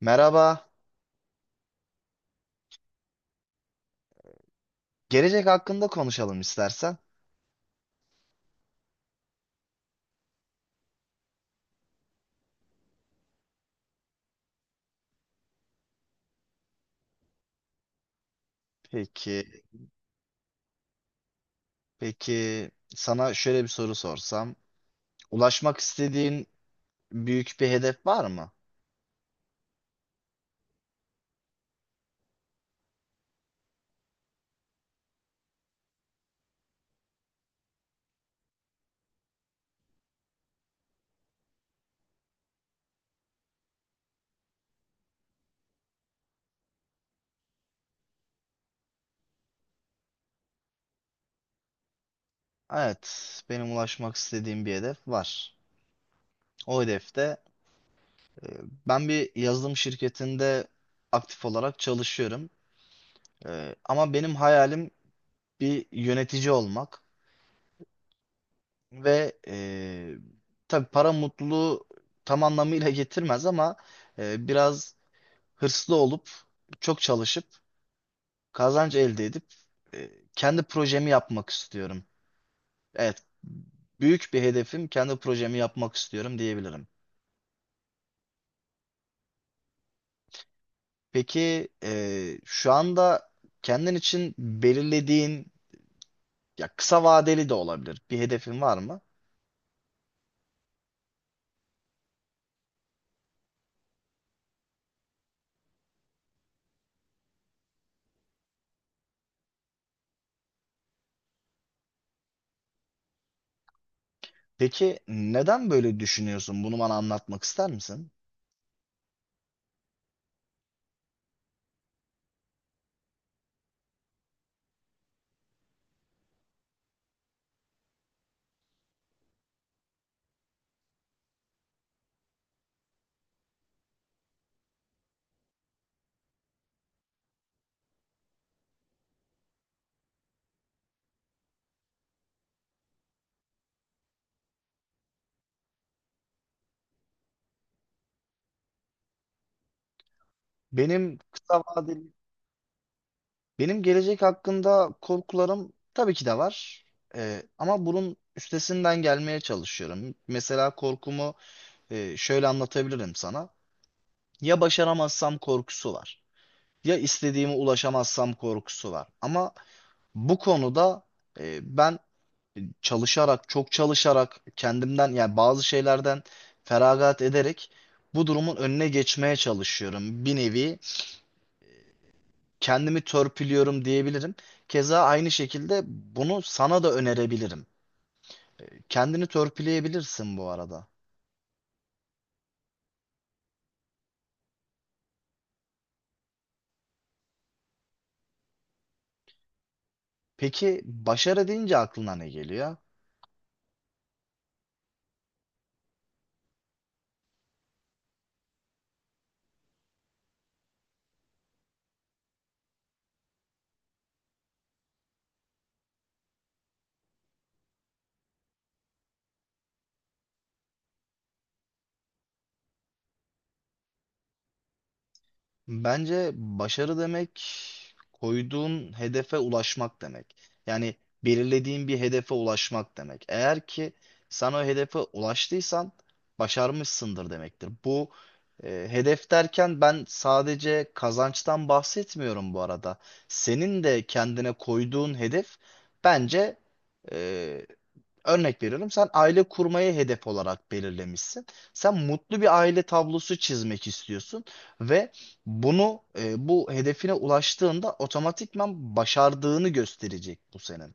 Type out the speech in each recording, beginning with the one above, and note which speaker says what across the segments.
Speaker 1: Merhaba. Gelecek hakkında konuşalım istersen. Peki, peki sana şöyle bir soru sorsam. Ulaşmak istediğin büyük bir hedef var mı? Evet, benim ulaşmak istediğim bir hedef var. O hedefte e, ben bir yazılım şirketinde aktif olarak çalışıyorum. Ama benim hayalim bir yönetici olmak ve tabii para mutluluğu tam anlamıyla getirmez ama biraz hırslı olup çok çalışıp kazanç elde edip e, kendi projemi yapmak istiyorum. Evet, büyük bir hedefim kendi projemi yapmak istiyorum diyebilirim. Peki şu anda kendin için belirlediğin ya kısa vadeli de olabilir bir hedefin var mı? Peki neden böyle düşünüyorsun? Bunu bana anlatmak ister misin? Benim kısa vadeli. Benim gelecek hakkında korkularım tabii ki de var. Ama bunun üstesinden gelmeye çalışıyorum. Mesela korkumu şöyle anlatabilirim sana. Ya başaramazsam korkusu var. Ya istediğime ulaşamazsam korkusu var. Ama bu konuda ben çalışarak, çok çalışarak kendimden yani bazı şeylerden feragat ederek bu durumun önüne geçmeye çalışıyorum. Bir nevi kendimi törpülüyorum diyebilirim. Keza aynı şekilde bunu sana da önerebilirim. Kendini törpüleyebilirsin bu arada. Peki başarı deyince aklına ne geliyor? Bence başarı demek koyduğun hedefe ulaşmak demek. Yani belirlediğin bir hedefe ulaşmak demek. Eğer ki sen o hedefe ulaştıysan başarmışsındır demektir. Bu hedef derken ben sadece kazançtan bahsetmiyorum bu arada. Senin de kendine koyduğun hedef bence. e, Örnek veriyorum sen aile kurmayı hedef olarak belirlemişsin. Sen mutlu bir aile tablosu çizmek istiyorsun ve bunu bu hedefine ulaştığında otomatikman başardığını gösterecek bu senin.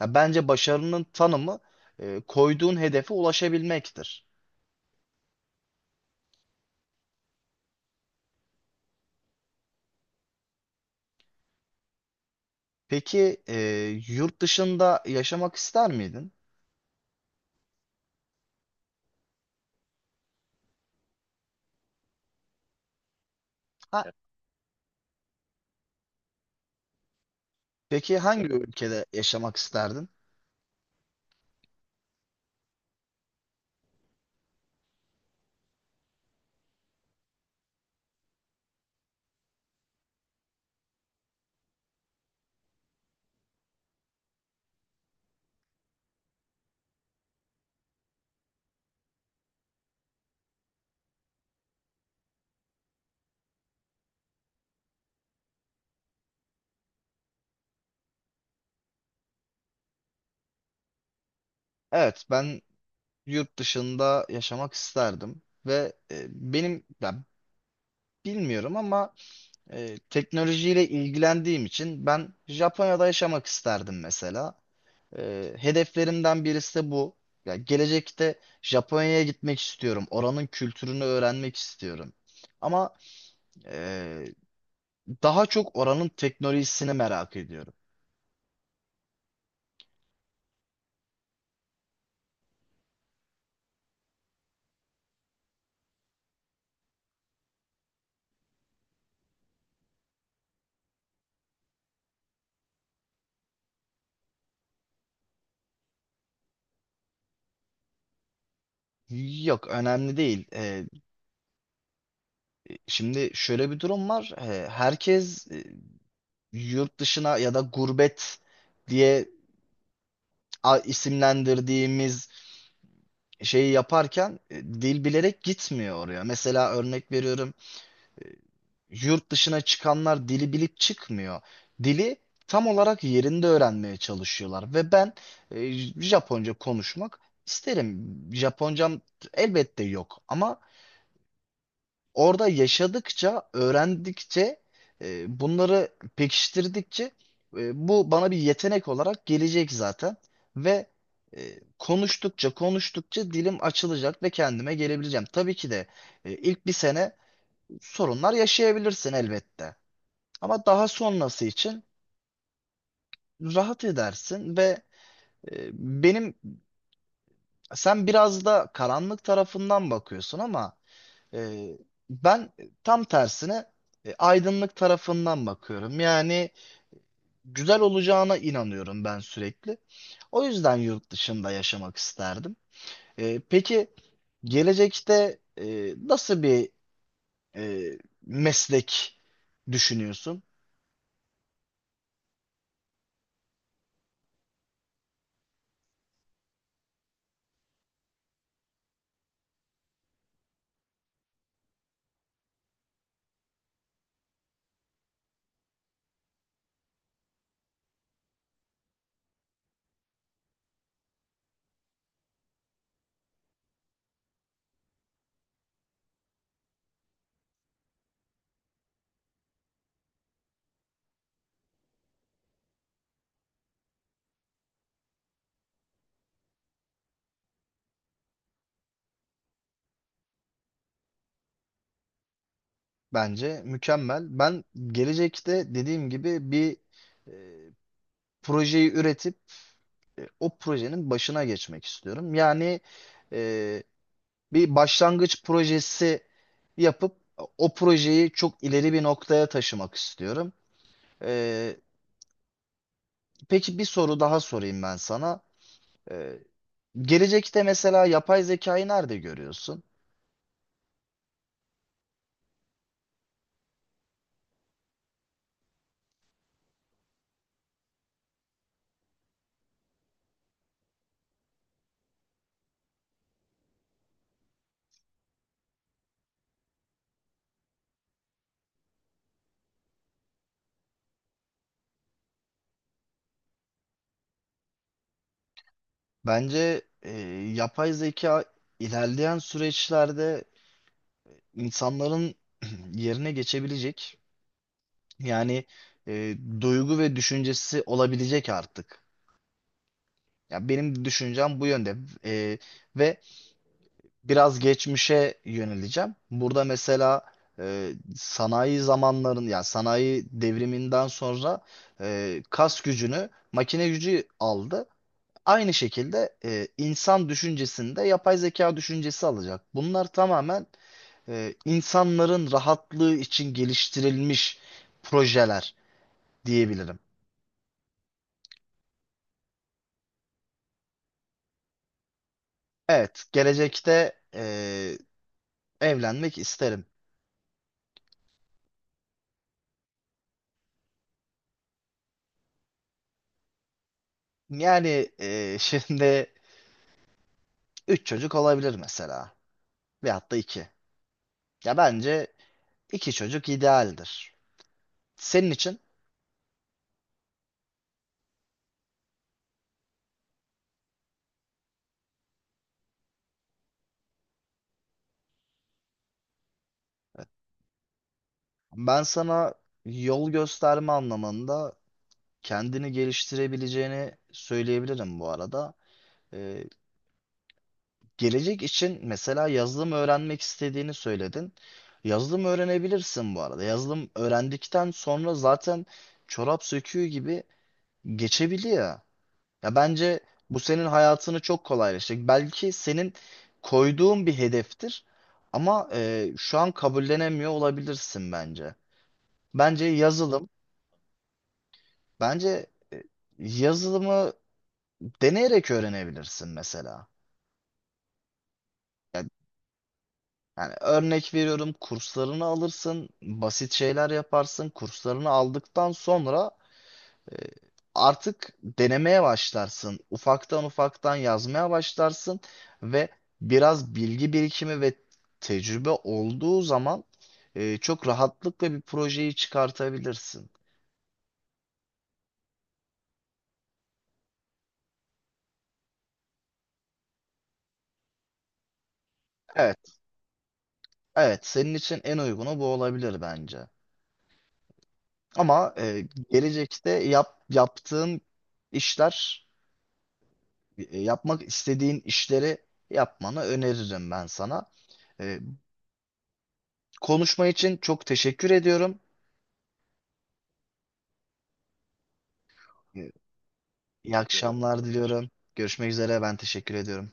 Speaker 1: Ya bence başarının tanımı koyduğun hedefe ulaşabilmektir. Peki yurt dışında yaşamak ister miydin? Ha, peki hangi ülkede yaşamak isterdin? Evet ben yurt dışında yaşamak isterdim ve benim ya bilmiyorum ama teknolojiyle ilgilendiğim için ben Japonya'da yaşamak isterdim mesela. Hedeflerimden birisi de bu. Ya gelecekte Japonya'ya gitmek istiyorum. Oranın kültürünü öğrenmek istiyorum. Ama e, daha çok oranın teknolojisini merak ediyorum. Yok önemli değil. Şimdi şöyle bir durum var. Herkes yurt dışına ya da gurbet diye isimlendirdiğimiz şeyi yaparken dil bilerek gitmiyor oraya. Mesela örnek veriyorum e, yurt dışına çıkanlar dili bilip çıkmıyor. Dili tam olarak yerinde öğrenmeye çalışıyorlar ve ben e, Japonca konuşmak isterim. Japoncam elbette yok ama orada yaşadıkça, öğrendikçe, bunları pekiştirdikçe bu bana bir yetenek olarak gelecek zaten ve e, konuştukça konuştukça dilim açılacak ve kendime gelebileceğim. Tabii ki de ilk bir sene sorunlar yaşayabilirsin elbette. Ama daha sonrası için rahat edersin ve e, benim sen biraz da karanlık tarafından bakıyorsun ama. E, Ben tam tersine aydınlık tarafından bakıyorum. Yani güzel olacağına inanıyorum ben sürekli. O yüzden yurt dışında yaşamak isterdim. Peki gelecekte nasıl bir e, meslek düşünüyorsun? Bence mükemmel. Ben gelecekte dediğim gibi bir e, projeyi üretip o projenin başına geçmek istiyorum. Yani e, bir başlangıç projesi yapıp o projeyi çok ileri bir noktaya taşımak istiyorum. Ee, peki bir soru daha sorayım ben sana. Ee, Gelecekte mesela yapay zekayı nerede görüyorsun? Bence yapay zeka ilerleyen süreçlerde insanların yerine geçebilecek. Yani duygu ve düşüncesi olabilecek artık. Ya benim düşüncem bu yönde. E, Ve biraz geçmişe yöneleceğim. Burada mesela sanayi zamanların yani sanayi devriminden sonra kas gücünü makine gücü aldı. Aynı şekilde insan düşüncesinde yapay zeka düşüncesi alacak. Bunlar tamamen insanların rahatlığı için geliştirilmiş projeler diyebilirim. Evet, gelecekte evlenmek isterim. Yani şimdi üç çocuk olabilir mesela. Veyahut da iki. Ya bence iki çocuk idealdir. Senin için ben sana yol gösterme anlamında kendini geliştirebileceğini söyleyebilirim bu arada. Ee, Gelecek için mesela yazılım öğrenmek istediğini söyledin. Yazılım öğrenebilirsin bu arada. Yazılım öğrendikten sonra zaten çorap söküğü gibi geçebiliyor. Ya bence bu senin hayatını çok kolaylaştıracak. Belki senin koyduğun bir hedeftir ama şu an kabullenemiyor olabilirsin bence. Bence yazılım, bence e, yazılımı deneyerek öğrenebilirsin mesela. Ya- Yani, örnek veriyorum kurslarını alırsın, basit şeyler yaparsın, kurslarını aldıktan sonra. E, Artık denemeye başlarsın. Ufaktan ufaktan yazmaya başlarsın ve biraz bilgi birikimi ve tecrübe olduğu zaman çok rahatlıkla bir projeyi çıkartabilirsin. Evet, evet senin için en uygunu bu olabilir bence. Ama gelecekte yaptığın işler, yapmak istediğin işleri yapmanı öneririm ben sana. E, Konuşma için çok teşekkür ediyorum. E, İyi akşamlar diliyorum. Görüşmek üzere. Ben teşekkür ediyorum.